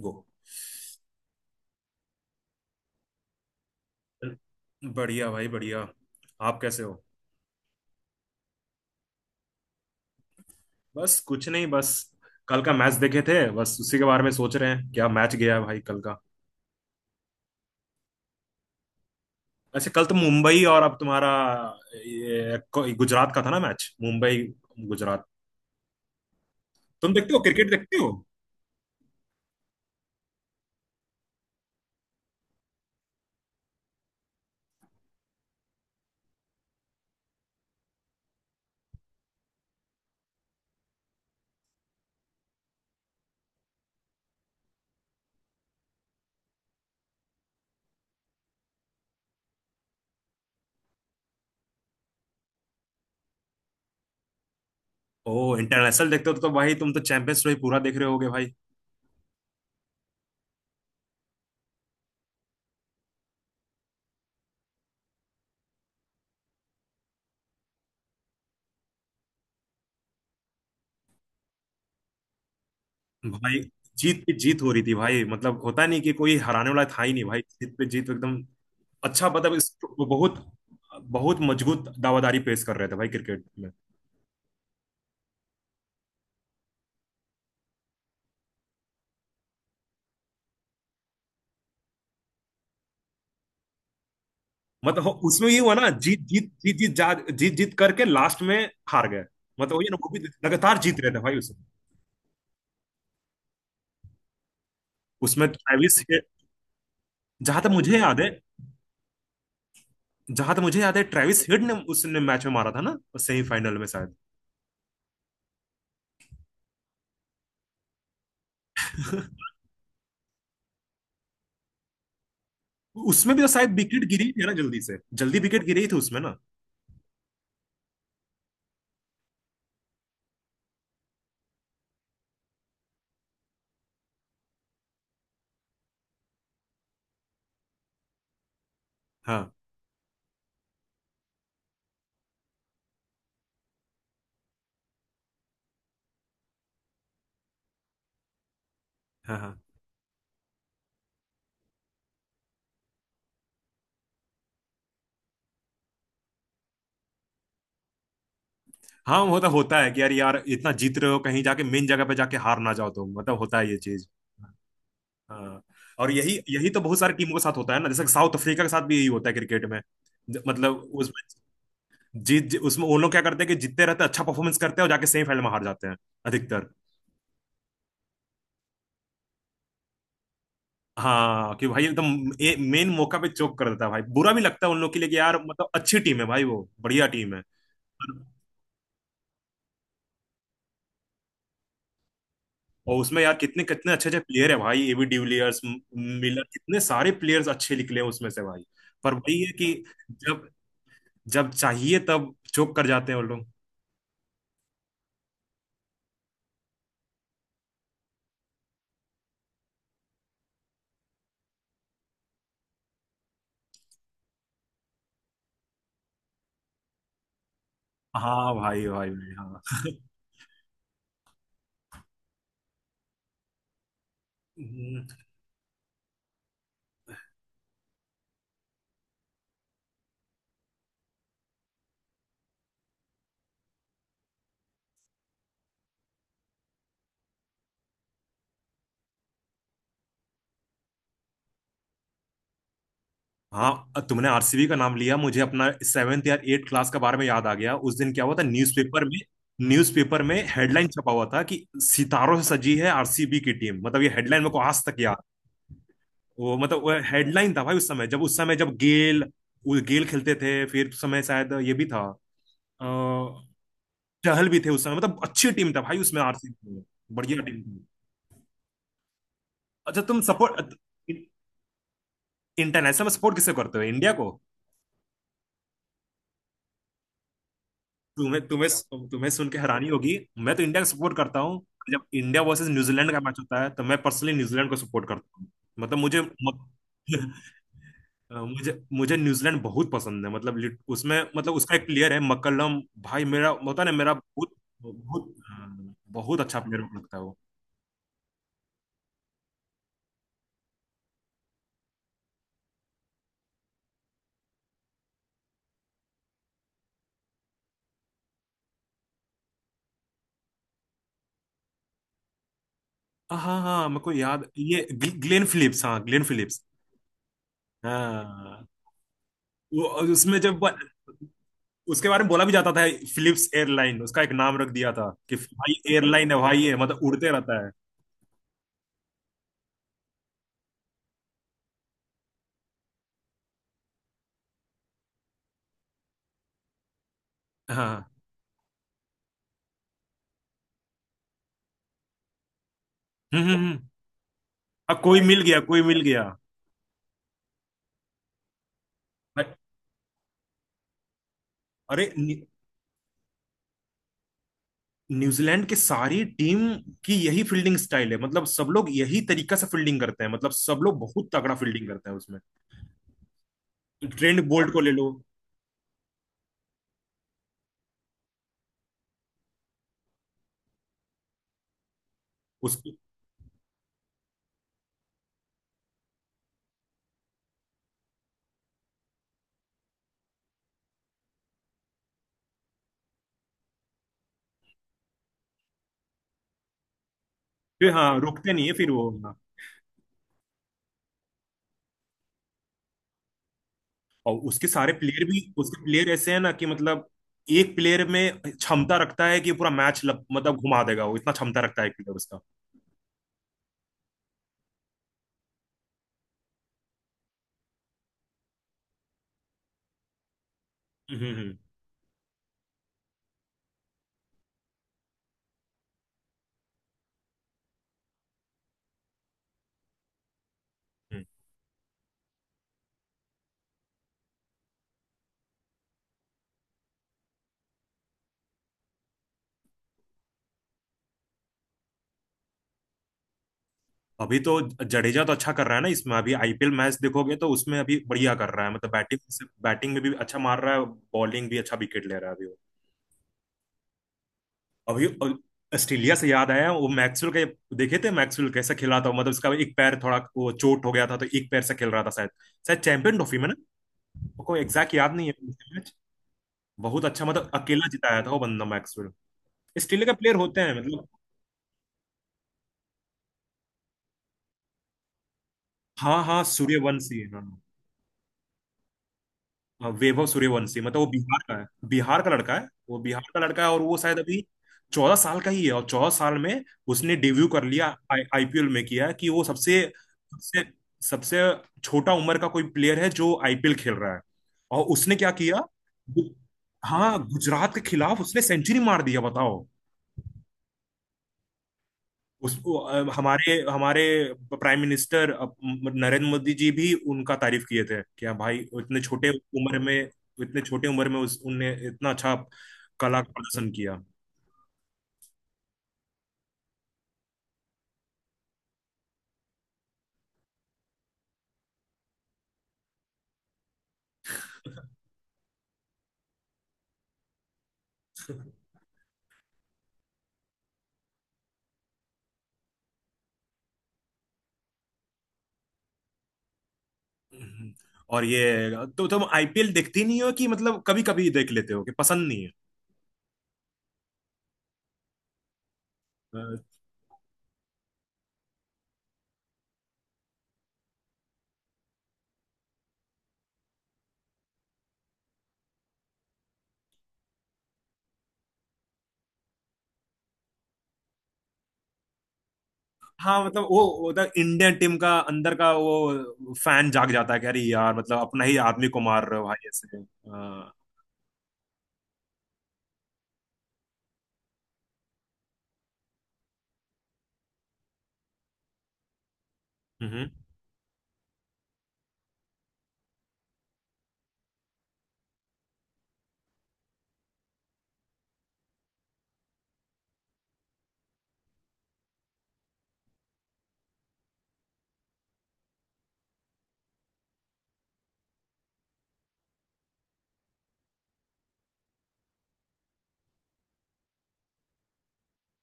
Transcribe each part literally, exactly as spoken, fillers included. गो। बढ़िया भाई, बढ़िया। आप कैसे हो? बस कुछ नहीं, बस कल का मैच देखे थे, बस उसी के बारे में सोच रहे हैं। क्या मैच गया है भाई कल का। अच्छा, कल तो मुंबई और अब तुम्हारा, ये को- गुजरात का था ना मैच, मुंबई गुजरात। तुम देखते हो, क्रिकेट देखते हो? ओ। इंटरनेशनल देखते हो तो भाई तुम तो चैंपियंस ट्रॉफी पूरा देख रहे होगे भाई। भाई, जीत पे जीत हो रही थी भाई, मतलब होता नहीं कि कोई हराने वाला था ही नहीं भाई, जीत पे जीत एकदम। अच्छा मतलब, इस वो बहुत बहुत मजबूत दावादारी पेश कर रहे थे भाई क्रिकेट में। मतलब हो- उसमें ये हुआ ना, जीत जीत जीत जीत जा जीत जीत करके लास्ट में हार गए। मतलब वही ना, वो भी लगातार जीत रहे थे भाई उसमें उसमें ट्रेविस। जहां तक मुझे याद है जहां तक मुझे याद है, ट्रेविस हेड ने उसने मैच में मारा था ना, सेमीफाइनल में शायद। उसमें भी तो शायद विकेट गिरी थी ना, जल्दी से जल्दी विकेट गिरी थी उसमें ना। हाँ हाँ हाँ हाँ, वो तो होता है कि यार यार, इतना जीत रहे हो, कहीं जाके मेन जगह पे जाके हार ना जाओ तुम, मतलब होता है ये चीज। हाँ, और यही यही तो बहुत सारी टीमों के साथ होता है ना, जैसे साउथ अफ्रीका के साथ भी यही होता है क्रिकेट में। ज- मतलब उसमें, जीत जी- उसमें वो लोग क्या करते हैं कि जीतते रहते हैं, अच्छा परफॉर्मेंस करते हैं और जाके सेमीफाइनल में हार जाते हैं अधिकतर। हाँ, कि भाई एकदम मेन मौका पे चोक कर देता है भाई। बुरा भी लगता है उन लोग के लिए कि यार, मतलब अच्छी टीम है भाई, वो बढ़िया टीम है। और उसमें यार, कितने कितने अच्छे अच्छे प्लेयर है भाई, एबी डिविलियर्स, म- मिलर, कितने सारे प्लेयर्स अच्छे निकले हैं उसमें से भाई। पर वही है कि जब जब चाहिए तब चोक कर जाते हैं वो लोग। हाँ भाई भाई भाई, हाँ, हम्म, हाँ। तुमने आरसीबी का नाम लिया, मुझे अपना सेवेंथ या एट क्लास के बारे में याद आ गया। उस दिन क्या हुआ था न्यूज़पेपर में। न्यूज़पेपर में हेडलाइन छपा हुआ था कि सितारों से सजी है आरसीबी की टीम, मतलब ये हेडलाइन मेरे को आज तक याद। वो मतलब वो हेडलाइन था भाई उस समय जब उस समय जब गेल, वो गेल खेलते थे। फिर उस समय शायद ये भी था, अ, चहल भी थे उस समय। मतलब अच्छी टीम था भाई उसमें, आरसीबी में। बढ़िया टीम थी। अच्छा, तुम सपोर्ट इंटरनेशनल सपोर्ट किसे करते हो? इंडिया को? तुम्हें तुम्हें तुम्हें सुन के हैरानी होगी। मैं तो इंडिया को सपोर्ट करता हूँ। जब इंडिया वर्सेस न्यूजीलैंड का मैच होता है, तो मैं पर्सनली न्यूजीलैंड को सपोर्ट करता हूँ। मतलब मुझे, अ, मुझे मुझे न्यूजीलैंड बहुत पसंद है। मतलब lit- उसमें, मतलब उसका एक प्लेयर है मक्कलम, भाई मेरा होता है ना, मेरा बहुत बहुत अ, बहुत अच्छा प्लेयर लगता है वो। हाँ हाँ हाँ, मेरे को याद, ये ग्ल- ग्लेन फिलिप्स। हाँ, ग्लेन फिलिप्स। हाँ, वो और उसमें जब ब- उसके बारे में बोला भी जाता था। फिलिप्स एयरलाइन उसका एक नाम रख दिया था कि भाई एयरलाइन है भाई, है मतलब उड़ते रहता है। हाँ, हम्म हम्म हम्म। अब कोई मिल गया, कोई मिल गया। अरे, न्यूजीलैंड की सारी टीम की यही फील्डिंग स्टाइल है, मतलब सब लोग यही तरीका से फील्डिंग करते हैं, मतलब सब लोग बहुत तगड़ा फील्डिंग करते हैं उसमें। ट्रेंट बोल्ट को ले लो उसको। फिर हाँ, रुकते नहीं है फिर वो, हाँ। और उसके सारे प्लेयर भी उसके प्लेयर ऐसे हैं ना कि मतलब, एक प्लेयर में क्षमता रखता है कि पूरा मैच लग, मतलब घुमा देगा, वो इतना क्षमता रखता है प्लेयर उसका। हम्म हम्म, हम्म। अभी तो जडेजा तो अच्छा कर रहा है ना इसमें। अभी आईपीएल मैच देखोगे तो उसमें अभी बढ़िया कर रहा है, मतलब बैटिंग बैटिंग में भी अच्छा मार रहा है, बॉलिंग भी अच्छा विकेट ले रहा है अभी अभी। ऑस्ट्रेलिया से याद आया, वो मैक्सवेल का देखे थे मैक्सवेल कैसा खेल रहा था, मतलब इसका एक पैर थोड़ा वो चोट हो गया था, तो एक पैर से खेल रहा था शायद। शायद चैंपियन ट्रॉफी में ना, को एग्जैक्ट याद नहीं है। बहुत अच्छा, मतलब अकेला जिताया था वो बंदा मैक्सवेल। ऑस्ट्रेलिया का प्लेयर होते हैं मतलब। हाँ हाँ, सूर्यवंशी, हाँ हाँ। हाँ, वैभव सूर्यवंशी, मतलब वो बिहार का है, बिहार का लड़का है वो बिहार का लड़का है। और वो शायद अभी चौदह साल का ही है, और चौदह साल में उसने डेब्यू कर लिया आईपीएल में। किया कि वो सबसे सबसे सबसे छोटा उम्र का कोई प्लेयर है जो आईपीएल खेल रहा है। और उसने क्या किया? गु- हाँ, गुजरात के खिलाफ उसने सेंचुरी मार दिया, बताओ। उस, अ, हमारे हमारे प्राइम मिनिस्टर अ, नरेंद्र मोदी जी भी उनका तारीफ किए थे। क्या भाई, इतने छोटे उम्र में इतने छोटे उम्र में उस उनने इतना अच्छा कला का प्रदर्शन किया। हम्म। और ये तो तुम आईपीएल देखती नहीं हो कि मतलब कभी कभी देख लेते हो कि पसंद नहीं है? अ, हाँ, मतलब वो, मतलब इंडियन टीम का अंदर का वो फैन जाग जाता है कि अरे यार, मतलब अपना ही आदमी को मार रहे हो भाई ऐसे, अ, हम्म,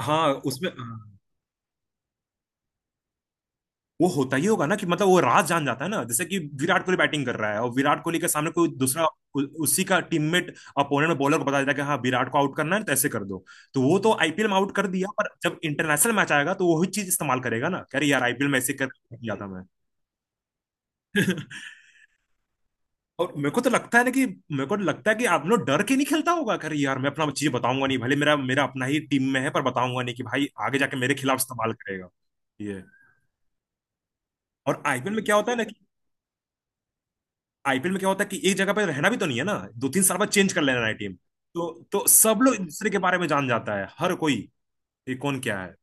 हाँ, उसमें हाँ। वो होता ही होगा ना, कि मतलब वो राज जान जाता है ना, जैसे कि विराट कोहली बैटिंग कर रहा है और विराट कोहली के सामने कोई दूसरा, उ- उसी का टीममेट, अपोनेंट बॉलर को बता देता है कि हाँ विराट को आउट करना है तो ऐसे कर दो। तो वो तो आईपीएल में आउट कर दिया, पर जब इंटरनेशनल मैच आएगा तो वही चीज इस्तेमाल करेगा ना, कह रहे यार आईपीएल में ऐसे कर दिया था मैं। और मेरे को तो लगता है ना कि मेरे को लगता है कि, आप लोग डर के नहीं खेलता होगा, कह रहे यार मैं अपना चीज बताऊंगा नहीं, भले मेरा मेरा अपना ही टीम में है, पर बताऊंगा नहीं कि भाई आगे जाके मेरे खिलाफ इस्तेमाल करेगा। ये, और आईपीएल में क्या होता है ना आईपीएल में क्या होता है कि, एक जगह पे रहना भी तो नहीं है ना, दो तीन साल बाद चेंज कर लेना है टीम। तो तो सब लोग एक दूसरे के बारे में जान जाता है हर कोई, ये कौन क्या है।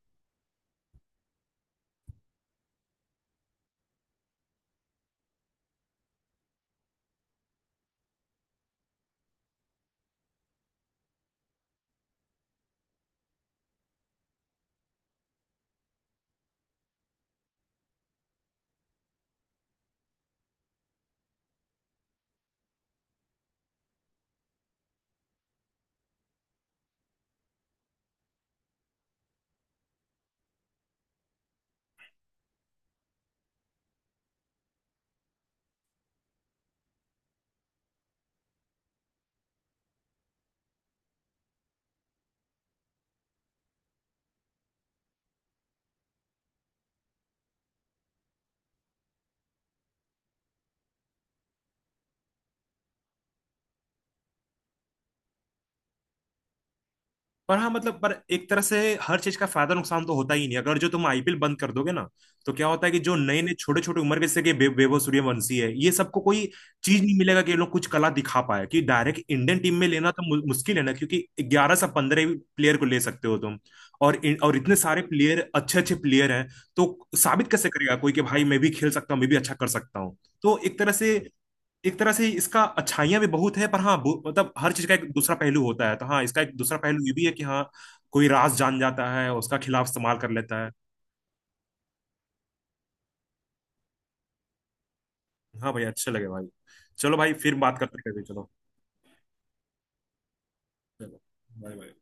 पर हाँ मतलब, पर एक तरह से हर चीज का फायदा नुकसान तो होता ही नहीं, अगर जो तुम आईपीएल बंद कर दोगे ना। तो क्या होता है कि जो नए नए छोटे छोटे उम्र के, जैसे कि वै- वैभव सूर्यवंशी है, ये सबको कोई चीज नहीं मिलेगा कि ये लोग कुछ कला दिखा पाए। कि डायरेक्ट इंडियन टीम में लेना तो मु- मुश्किल है ना, क्योंकि ग्यारह से पंद्रह प्लेयर को ले सकते हो तुम। और इन- और इतने सारे प्लेयर, अच्छे अच्छे प्लेयर हैं। तो साबित कैसे करेगा कोई कि भाई मैं भी खेल सकता हूँ, मैं भी अच्छा कर सकता हूँ। तो एक तरह से एक तरह से इसका अच्छाइयां भी बहुत है, पर हाँ बु- मतलब हर चीज का एक दूसरा पहलू होता है, तो हाँ, इसका एक दूसरा पहलू ये भी है कि हाँ, कोई राज जान जाता है और उसका खिलाफ इस्तेमाल कर लेता है। हाँ भाई, अच्छे लगे भाई। चलो भाई, फिर बात करते हैं कभी। चलो, चलो, बाय बाय।